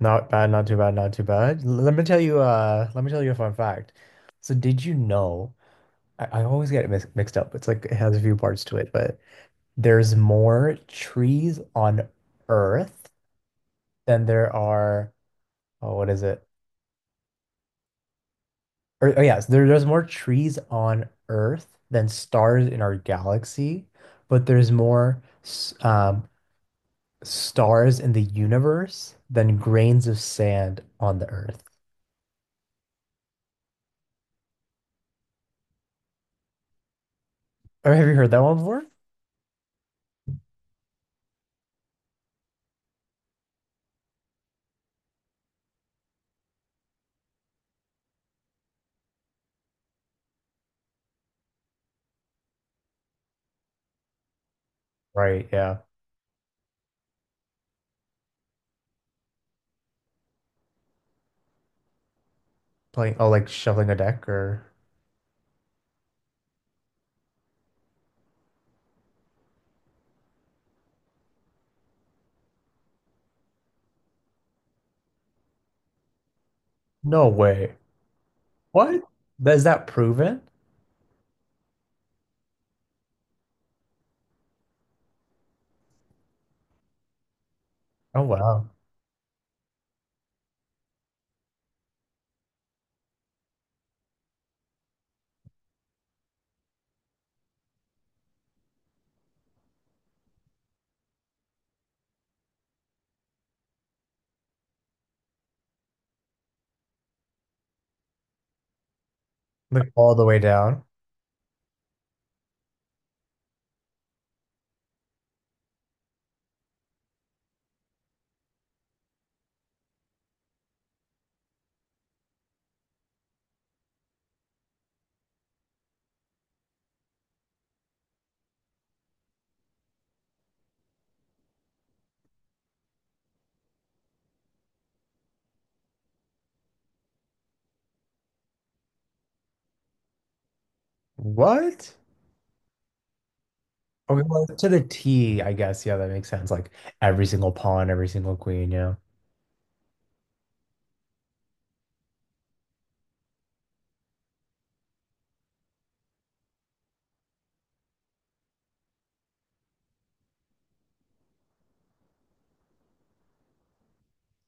Not bad, not too bad, not too bad. Let me tell you, a fun fact. So did you know, I always get it mixed up. It's like it has a few parts to it, but there's more trees on Earth than there are, oh, what is it? Or, oh yes, there's more trees on Earth than stars in our galaxy, but there's more stars in the universe than grains of sand on the Earth. Oh, have you heard that one before? Right, yeah. Playing, oh, like shuffling a deck, or no way. What? Is that proven? Oh, wow. Like all the way down. What? Okay, well, to the T, I guess. Yeah, that makes sense. Like every single pawn, every single queen, yeah.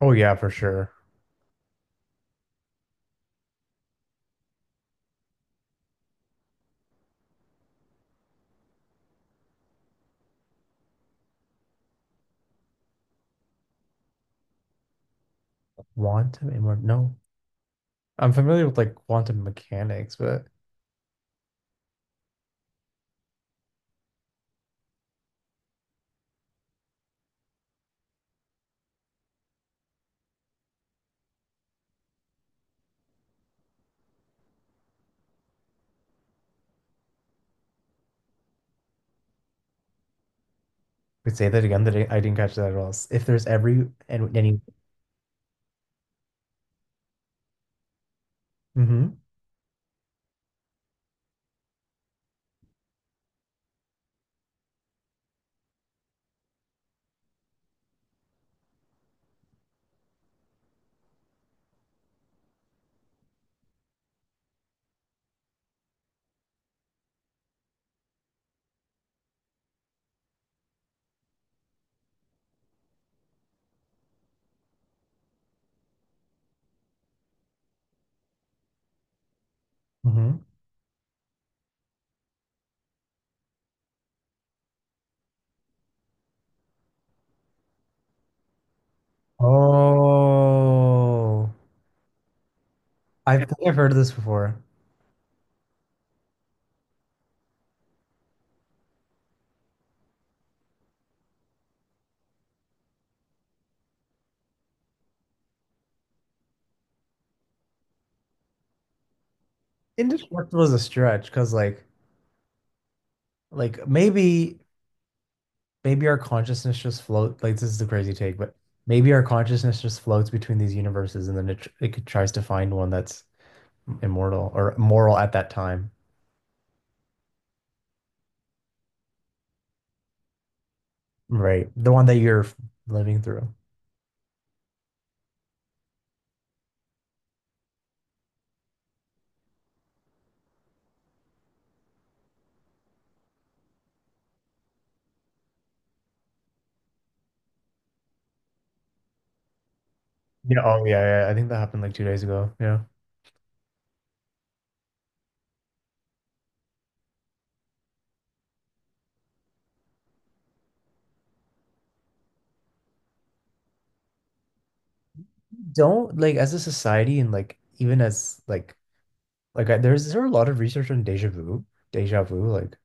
Oh yeah, for sure. Quantum immort No. I'm familiar with like quantum mechanics, but could say that again, that I didn't catch that at all. If there's every and any. Mm hmm mm hmm Oh, I think I've heard of this before. Indestructible is a stretch because, like maybe our consciousness just float, like this is a crazy take, but maybe our consciousness just floats between these universes, and then it tries to find one that's immortal or moral at that time. Right, the one that you're living through. Yeah. Oh yeah, yeah, I think that happened like 2 days ago. Yeah. Don't like, as a society, and like even as like I, there's there a lot of research on deja vu, like,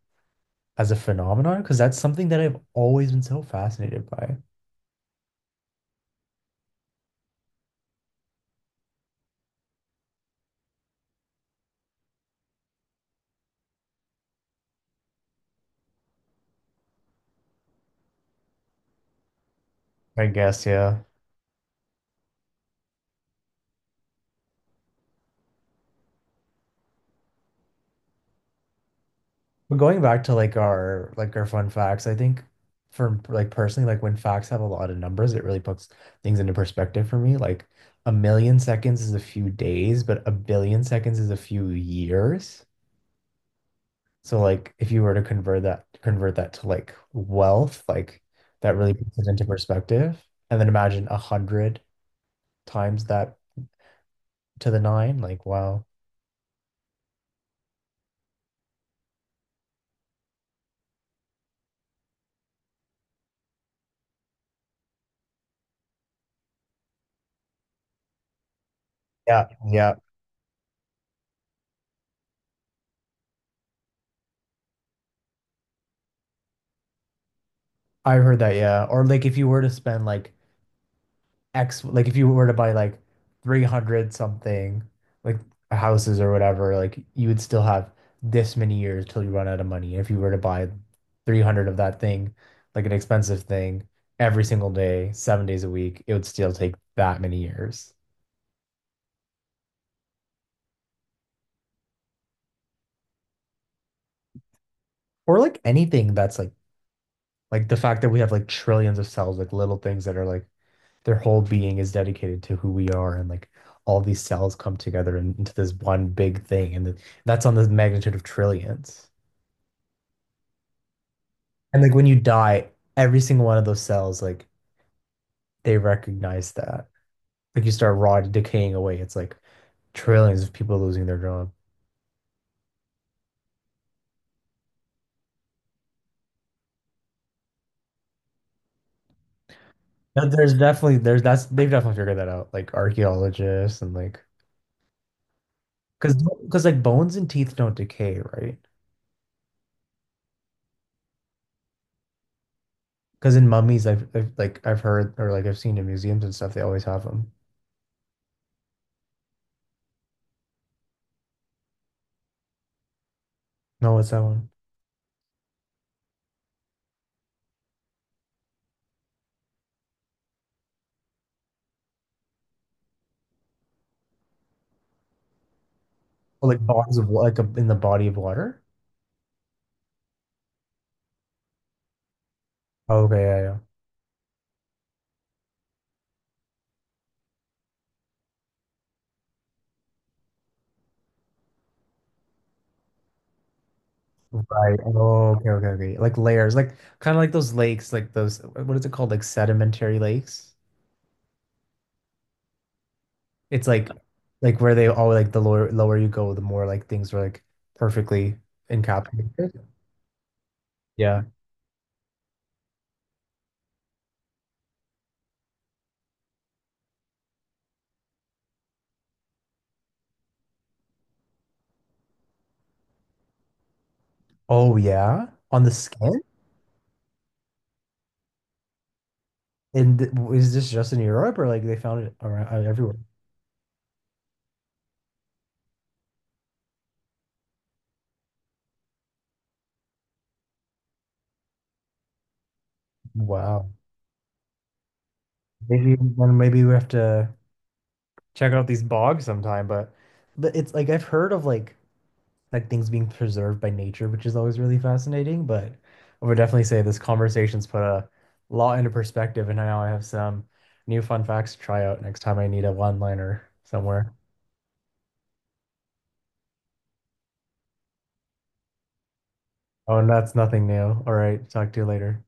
as a phenomenon, because that's something that I've always been so fascinated by. I guess. Yeah. But going back to like our fun facts, I think, for like personally, like when facts have a lot of numbers, it really puts things into perspective for me. Like a million seconds is a few days, but a billion seconds is a few years. So like if you were to convert that to like wealth, like that really puts it into perspective. And then imagine a hundred times that, to the nine, like wow. Yeah, yeah. I've heard that, yeah. Or like if you were to spend like X, like if you were to buy like 300 something, like houses or whatever, like you would still have this many years till you run out of money. If you were to buy 300 of that thing, like an expensive thing, every single day, 7 days a week, it would still take that many years. Or like anything that's like the fact that we have like trillions of cells, like little things that are like their whole being is dedicated to who we are, and like all these cells come together into this one big thing. And that's on the magnitude of trillions. And like when you die, every single one of those cells, like they recognize that. Like you start rotting, decaying away. It's like trillions of people losing their job. But There's definitely there's that's they've definitely figured that out. Like archaeologists, and like because because like bones and teeth don't decay, right? Because in mummies, I've heard, or like I've seen in museums and stuff, they always have them. No, what's that one? Oh, like bodies of like a, in the body of water. Oh, okay, yeah, yeah. Right. Oh, okay, okay, okay. Like layers, like kind of like those lakes, like those, what is it called? Like sedimentary lakes. It's like where they all like the lower you go, the more like things are like perfectly encapsulated. Yeah. Oh yeah, on the skin. And is this just in Europe, or like they found it around everywhere? Wow. Maybe then, maybe we have to check out these bogs sometime, but it's like I've heard of like things being preserved by nature, which is always really fascinating. But I would definitely say this conversation's put a lot into perspective, and now I have some new fun facts to try out next time I need a one-liner somewhere. Oh, and that's nothing new. All right, talk to you later.